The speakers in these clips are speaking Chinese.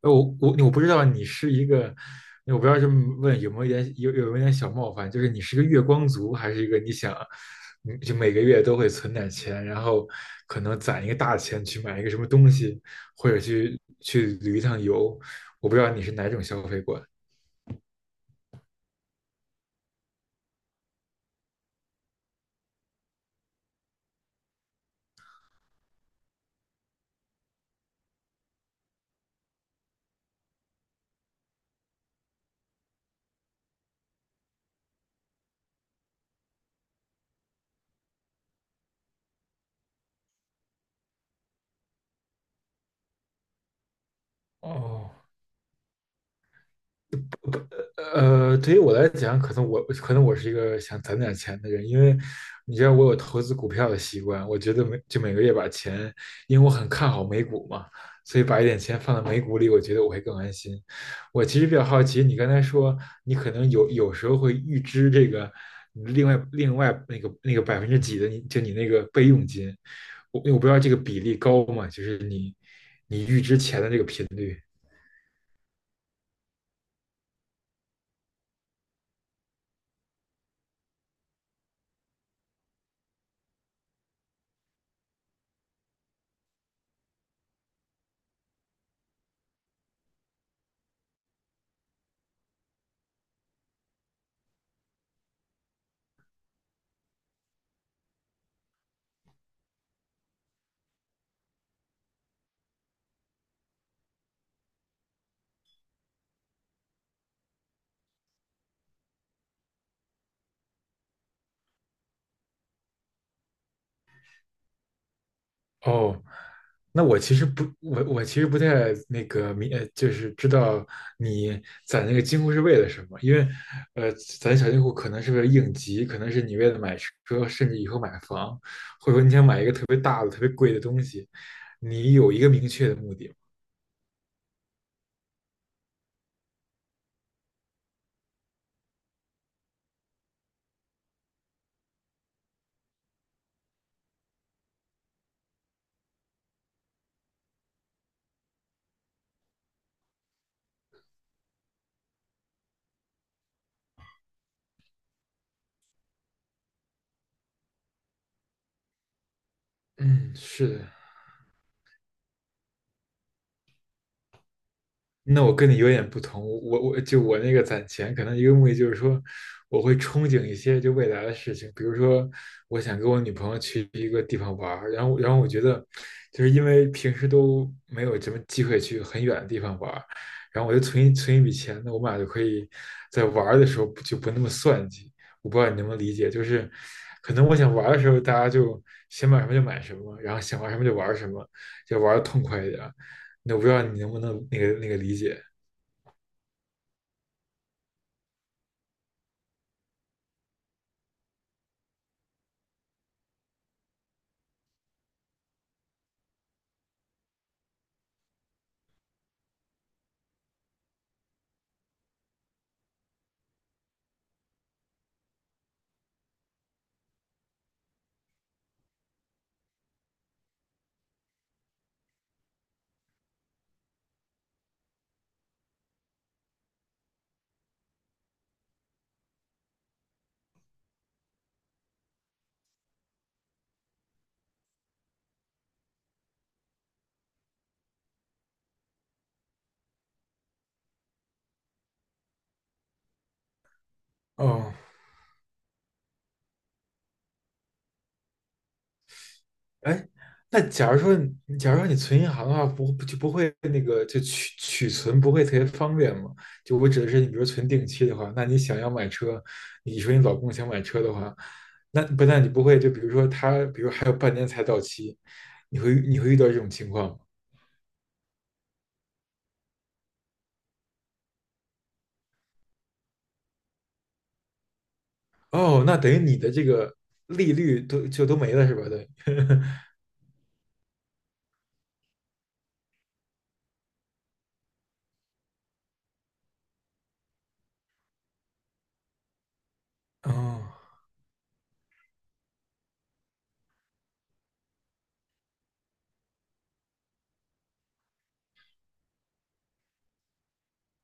我不知道你是一个，我不知道这么问有没有一点有没有一点小冒犯，就是你是个月光族，还是一个你想，嗯就每个月都会存点钱，然后可能攒一个大钱去买一个什么东西，或者去旅一趟游，我不知道你是哪种消费观。哦，对于我来讲，可能我是一个想攒点钱的人，因为你知道我有投资股票的习惯，我觉得每个月把钱，因为我很看好美股嘛，所以把一点钱放在美股里，我觉得我会更安心。我其实比较好奇，你刚才说你可能有时候会预支这个另外那个百分之几的你那个备用金，我不知道这个比例高吗？就是你。哦，那我我其实不太那个明，呃就是知道你攒那个金库是为了什么，因为，呃，攒小金库可能是为了应急，可能是你为了买车，甚至以后买房，或者说你想买一个特别大的、特别贵的东西，你有一个明确的目的。嗯，是的。那我跟你有点不同，我那个攒钱，可能一个目的就是说，我会憧憬一些就未来的事情，比如说我想跟我女朋友去一个地方玩儿，然后我觉得，就是因为平时都没有什么机会去很远的地方玩儿，然后我就存一笔钱，那我们俩就可以在玩儿的时候不就不那么算计。我不知道你能不能理解，就是可能我想玩儿的时候，大家就想买什么就买什么，然后想玩什么就玩什么，就玩的痛快一点。那我不知道你能不能那个理解。哦，哎，那假如说你存银行的话，不就不会那个取存不会特别方便吗？就我指的是，你比如存定期的话，那你想要买车，你说你老公想买车的话，那不但你不会，就比如说他，比如还有半年才到期，你会你会遇到这种情况吗？哦，那等于你的这个利率都没了是吧？对，哦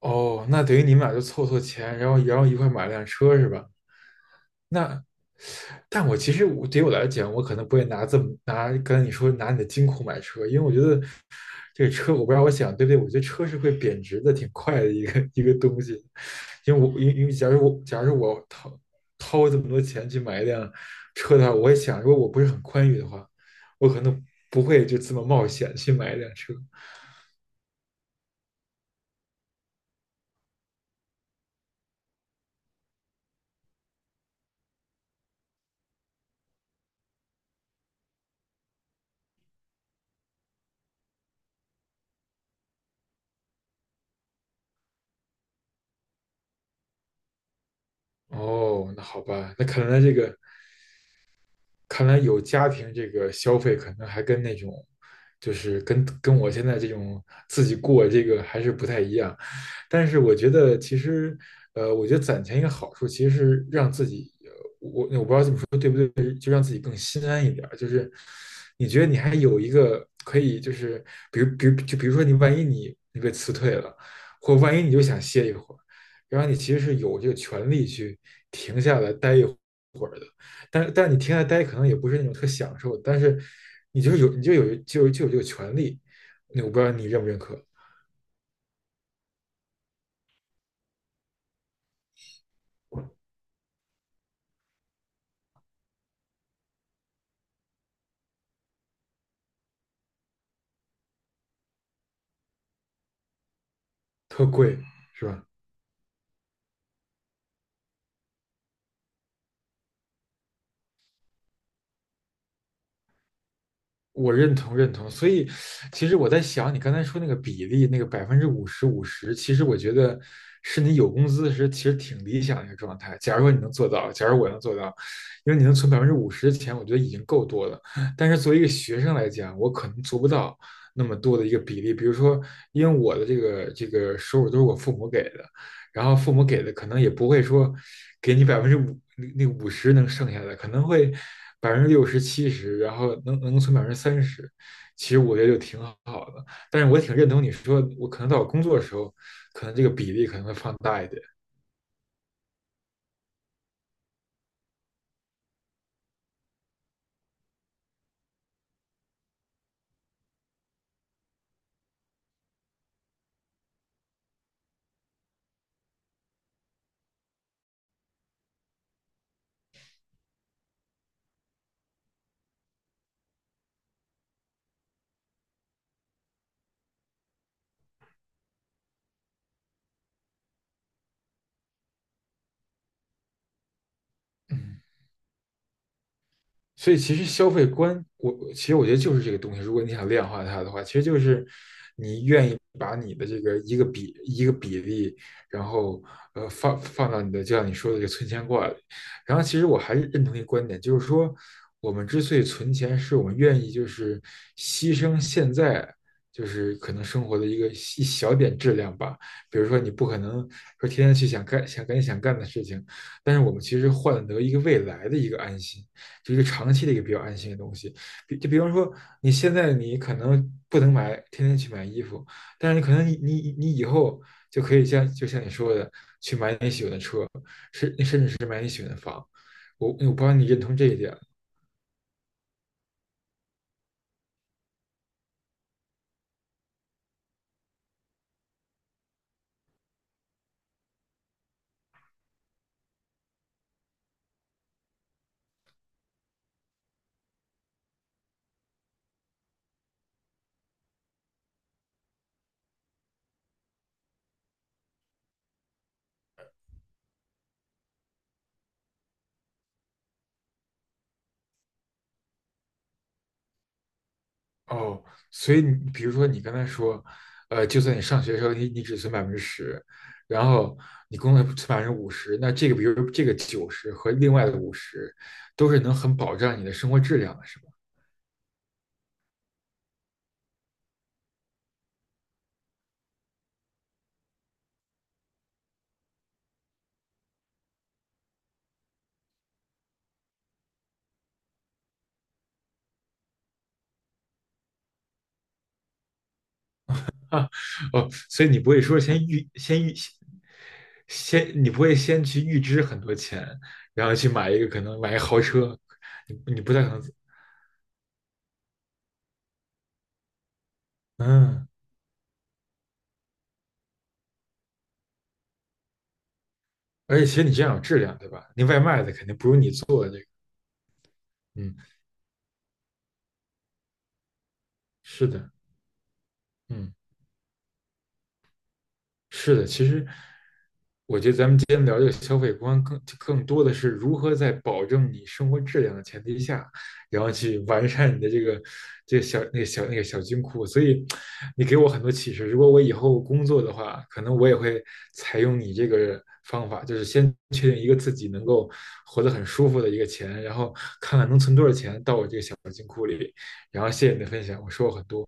哦，那等于你们俩就凑钱，然后一块买辆车是吧？那，但我其实我对于我来讲，我可能不会拿这么拿刚才你说拿你的金库买车，因为我觉得这个车，我不知道我想对不对，我觉得车是会贬值的，挺快的一个东西。因为假如假如我掏这么多钱去买一辆车的话，我也想，如果我不是很宽裕的话，我可能不会就这么冒险去买一辆车。哦，那好吧，那看来有家庭这个消费，可能还跟那种，就是跟我现在这种自己过这个还是不太一样。但是我觉得其实，呃，我觉得攒钱一个好处，其实是让自己那我不知道这么说对不对，就让自己更心安一点儿。就是你觉得你还有一个可以，就是比如，比如，就比如说你万一你你被辞退了，或万一你就想歇一会儿，然后你其实是有这个权利去停下来待一会儿的。但但你停下来待可能也不是那种特享受的，但是你就是有你就有就有就有这个权利。那我不知道你认不认可，特贵是吧？我认同认同，所以其实我在想，你刚才说那个比例，那个百分之五十五十，其实我觉得是你有工资时其实挺理想的一个状态。假如说你能做到，假如我能做到，因为你能存百分之五十的钱，我觉得已经够多了。但是作为一个学生来讲，我可能做不到那么多的一个比例。比如说，因为我的这个收入都是我父母给的，然后父母给的可能也不会说给你百分之五那五十能剩下的，可能会百分之六十七十，然后能存百分之三十，其实我觉得就挺好的。但是我挺认同你说，我可能到我工作的时候，这个比例可能会放大一点。嗯，所以其实消费观，我其实我觉得就是这个东西，如果你想量化它的话，其实就是把你的这个一个比例，然后放到你的，就像你说的这个存钱罐里。然后其实我还是认同一个观点，就是说我们之所以存钱，是我们愿意就是牺牲现在就是可能生活的一小点质量吧。比如说你不可能说天天去想干你想干的事情，但是我们其实换得一个未来的一个安心，就一个长期的一个比较安心的东西。就比方说你现在你可能不能买天天去买衣服。但是可能你以后就可以就像你说的，去买你喜欢的车。我不知道你认同这一点。哦。所以你比如说你刚才说，呃，就算你上学的时候你只存百分之十，然后你工作存百分之五十，那这个比如这个九十和另外的五十，都是能很保障你的生活质量的，是吧？啊，哦，所以你不会说先预先你不会先去预支很多钱，然后去买一个可能买一个豪车，你你不太可能。嗯，而且其实你这样有质量，对吧？那外卖的肯定不如你做。嗯，是的，嗯，是的。其实今天聊这个消费观更更多的是如何在保证你生活质量的前提下，然后去完善你的这个小那个小那个小金库。所以你给我很多启示。如果我以后工作的话，可能我也会采用你这个方法，就是先确定一个自己能够活得很舒服的一个钱，然后看看能存多少钱到我这个小。然后谢谢你的分享，我收获很多。